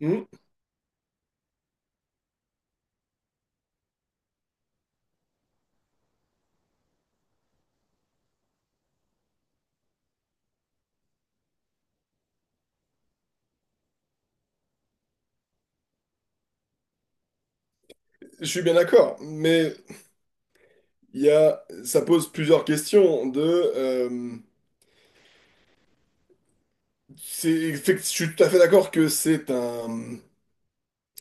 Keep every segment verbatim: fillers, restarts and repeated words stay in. Hmm, je suis bien d'accord, mais il y a, ça pose plusieurs questions de, euh, c'est, effect- je suis tout à fait d'accord que c'est un,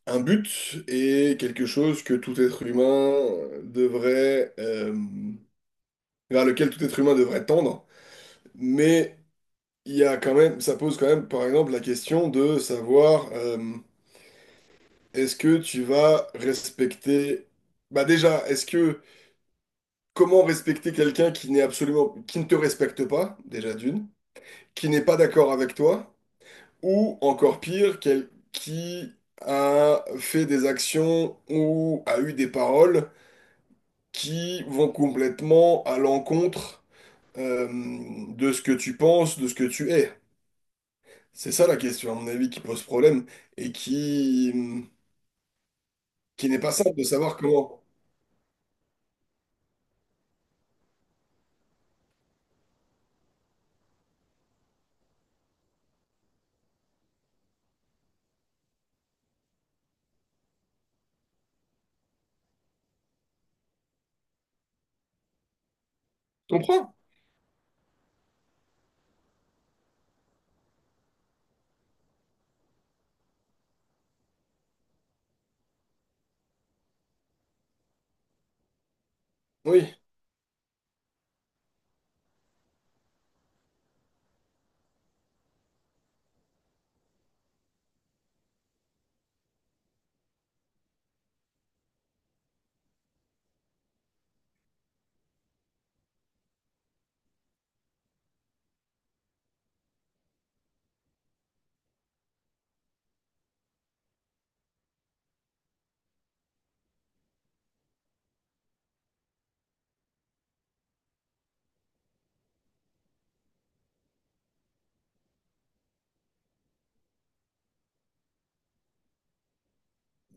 un but et quelque chose que tout être humain devrait, euh, vers lequel tout être humain devrait tendre, mais il y a quand même, ça pose quand même, par exemple, la question de savoir, euh, est-ce que tu vas respecter, bah déjà, est-ce que, comment respecter quelqu'un qui n'est absolument, qui ne te respecte pas, déjà d'une, qui n'est pas d'accord avec toi, ou encore pire, quel- qui a fait des actions ou a eu des paroles qui vont complètement à l'encontre euh, de ce que tu penses, de ce que tu es. C'est ça la question, à mon avis, qui pose problème et qui, qui n'est pas simple de savoir comment. Tu comprends? Oui.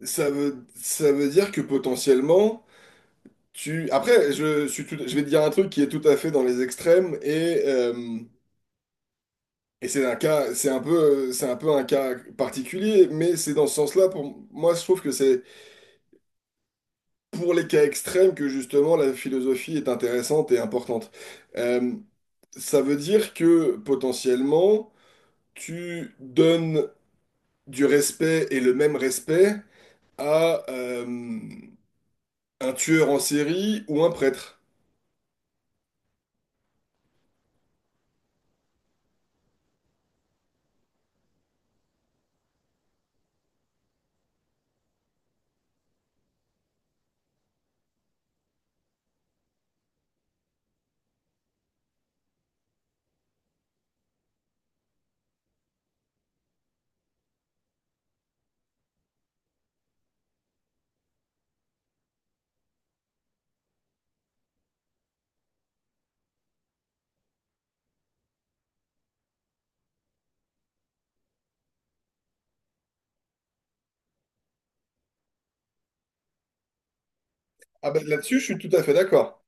Ça veut, ça veut dire que potentiellement, tu... Après, je suis tout- je vais te dire un truc qui est tout à fait dans les extrêmes et, euh, et c'est un cas, c'est un peu, c'est un peu un cas particulier, mais c'est dans ce sens-là, pour moi, je trouve que c'est pour les cas extrêmes que justement la philosophie est intéressante et importante. Euh, ça veut dire que potentiellement, tu donnes du respect et le même respect à euh, un tueur en série ou un prêtre. Ah ben là-dessus, je suis tout à fait d'accord.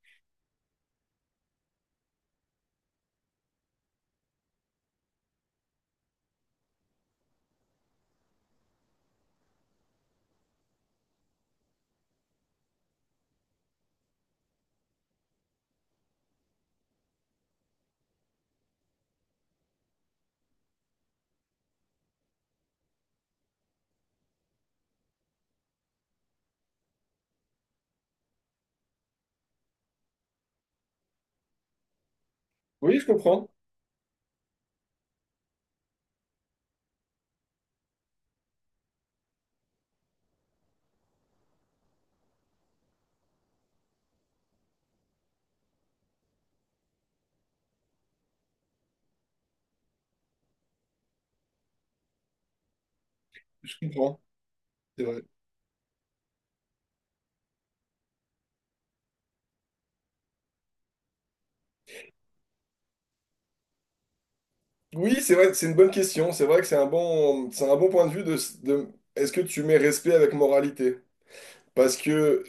Oui, je comprends. Je comprends. C'est vrai. Oui, c'est vrai, c'est une bonne question. C'est vrai que c'est un bon, c'est un bon point de vue de, de- est-ce que tu mets respect avec moralité? Parce que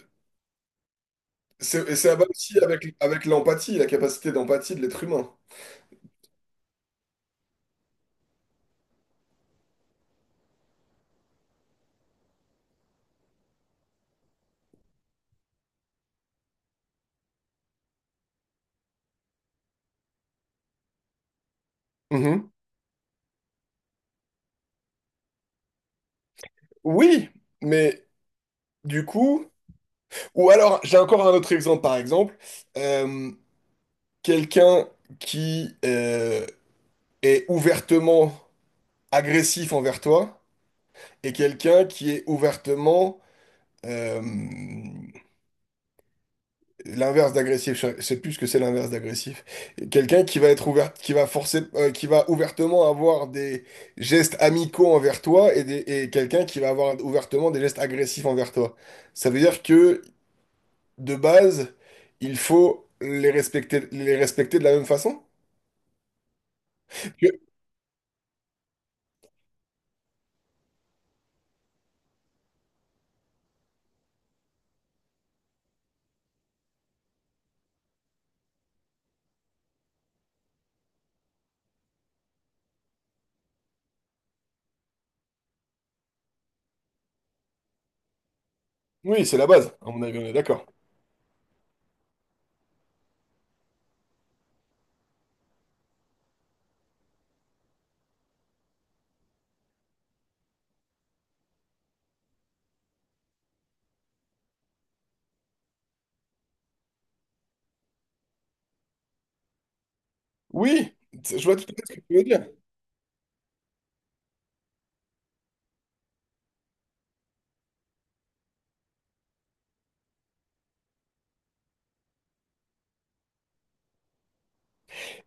c'est, et ça va aussi avec, avec l'empathie, la capacité d'empathie de l'être humain. Mhm. Oui, mais du coup, ou alors j'ai encore un autre exemple, par exemple, euh, quelqu'un qui euh, est ouvertement agressif envers toi et quelqu'un qui est ouvertement euh, l'inverse d'agressif, je sais plus ce que c'est l'inverse d'agressif. Quelqu'un qui va être ouvert, qui va forcer, euh, qui va ouvertement avoir des gestes amicaux envers toi et, des- et quelqu'un qui va avoir ouvertement des gestes agressifs envers toi. Ça veut dire que, de base, il faut les respecter, les respecter de la même façon? Que- Oui, c'est la base, à mon avis, on est d'accord. Oui, je vois tout à fait ce que tu veux dire.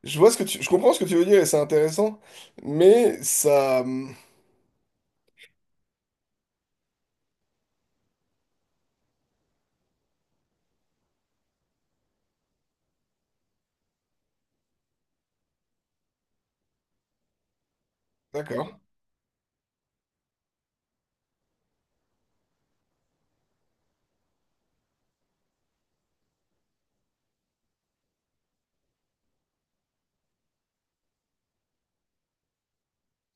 Je vois ce que tu, je comprends ce que tu veux dire et c'est intéressant, mais ça, hum, d'accord.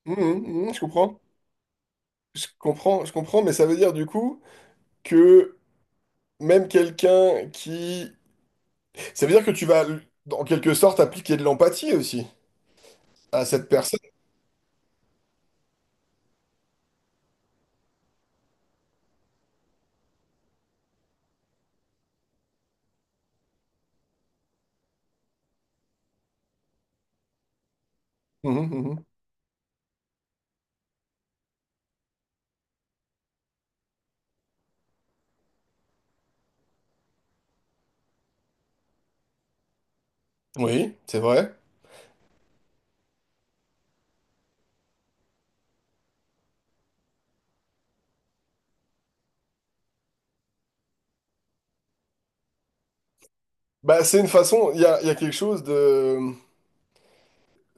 Hum, hum, hum, je comprends. Je comprends, je comprends, mais ça veut dire du coup que même quelqu'un qui... Ça veut dire que tu vas, en quelque sorte, appliquer de l'empathie aussi à cette personne. Mhm, mhm. Oui, c'est vrai. Bah, c'est une façon, il y a, il y a quelque chose de,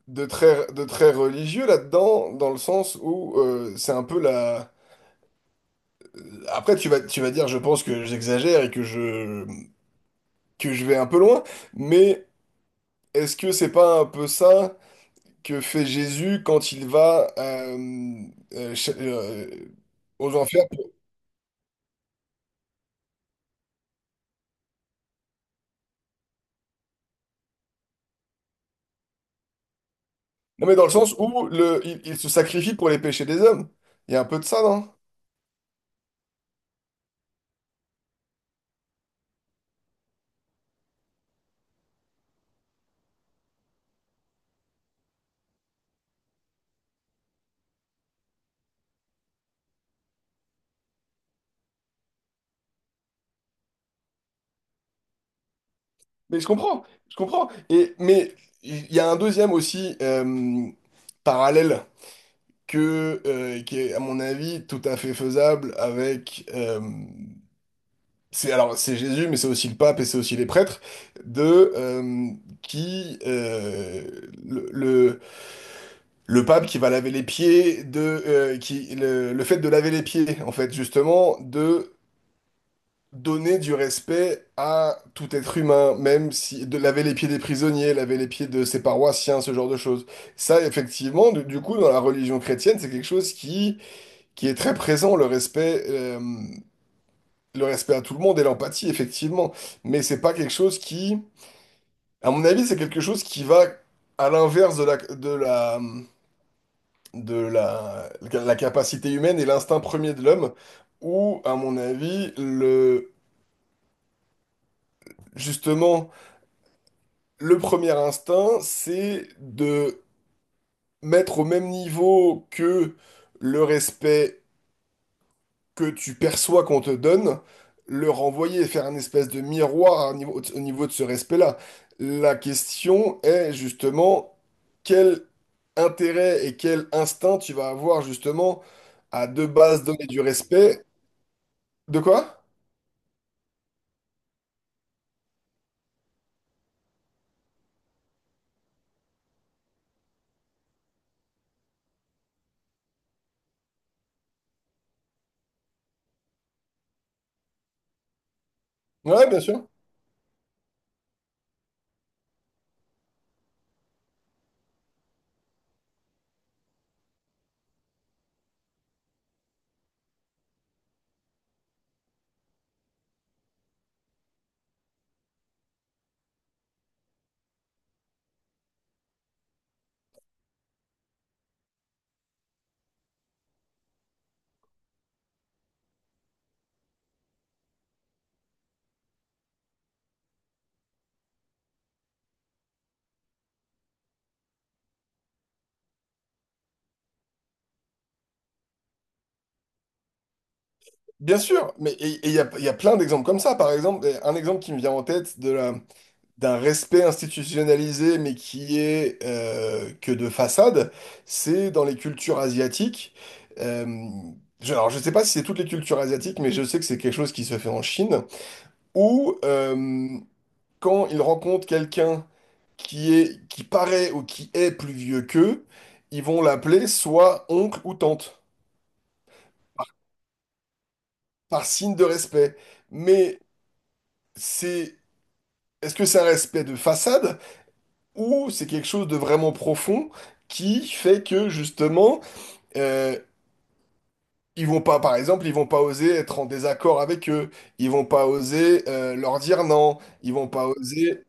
de très, de très religieux là-dedans, dans le sens où euh, c'est un peu la... Après, tu vas, tu vas dire, je pense que j'exagère et que je, que je vais un peu loin, mais est-ce que c'est pas un peu ça? Que fait Jésus quand il va euh, euh, ch- euh, aux enfers. Non, mais dans le sens où le, il, il se sacrifie pour les péchés des hommes. Il y a un peu de ça, non? Mais je comprends, je comprends. Et, mais il y a un deuxième aussi euh, parallèle que, euh, qui est, à mon avis, tout à fait faisable avec... euh, c'est, alors, c'est Jésus, mais c'est aussi le pape et c'est aussi les prêtres, de, euh, qui... euh, le, le- le pape qui va laver les pieds de euh, qui le, le fait de laver les pieds en fait justement de donner du respect à tout être humain même si de laver les pieds des prisonniers, laver les pieds de ses paroissiens, ce genre de choses, ça effectivement du, du coup dans la religion chrétienne c'est quelque chose qui qui est très présent, le respect euh, le respect à tout le monde et l'empathie effectivement, mais c'est pas quelque chose qui à mon avis c'est quelque chose qui va à l'inverse de la de la de la, la capacité humaine et l'instinct premier de l'homme, où, à mon avis, le, justement, le premier instinct, c'est de mettre au même niveau que le respect que tu perçois qu'on te donne, le renvoyer et faire un espèce de miroir à un niveau- au niveau de ce respect-là. La question est justement quel intérêt et quel instinct tu vas avoir justement à de base donner du respect. De quoi? Ouais, bien sûr. Bien sûr. Mais et- et il y a, il y a plein d'exemples comme ça. Par exemple, un exemple qui me vient en tête de la, d'un respect institutionnalisé, mais qui est euh, que de façade, c'est dans les cultures asiatiques. Euh, je, alors, je sais pas si c'est toutes les cultures asiatiques, mais je sais que c'est quelque chose qui se fait en Chine, où euh, quand ils rencontrent quelqu'un qui est, qui paraît ou qui est plus vieux qu'eux, ils vont l'appeler soit oncle ou tante, par signe de respect. Mais c'est, est-ce que c'est un respect de façade ou c'est quelque chose de vraiment profond qui fait que justement euh, ils vont pas, par exemple, ils vont pas oser être en désaccord avec eux, ils vont pas oser euh, leur dire non, ils vont pas oser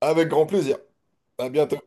avec grand plaisir. À bientôt.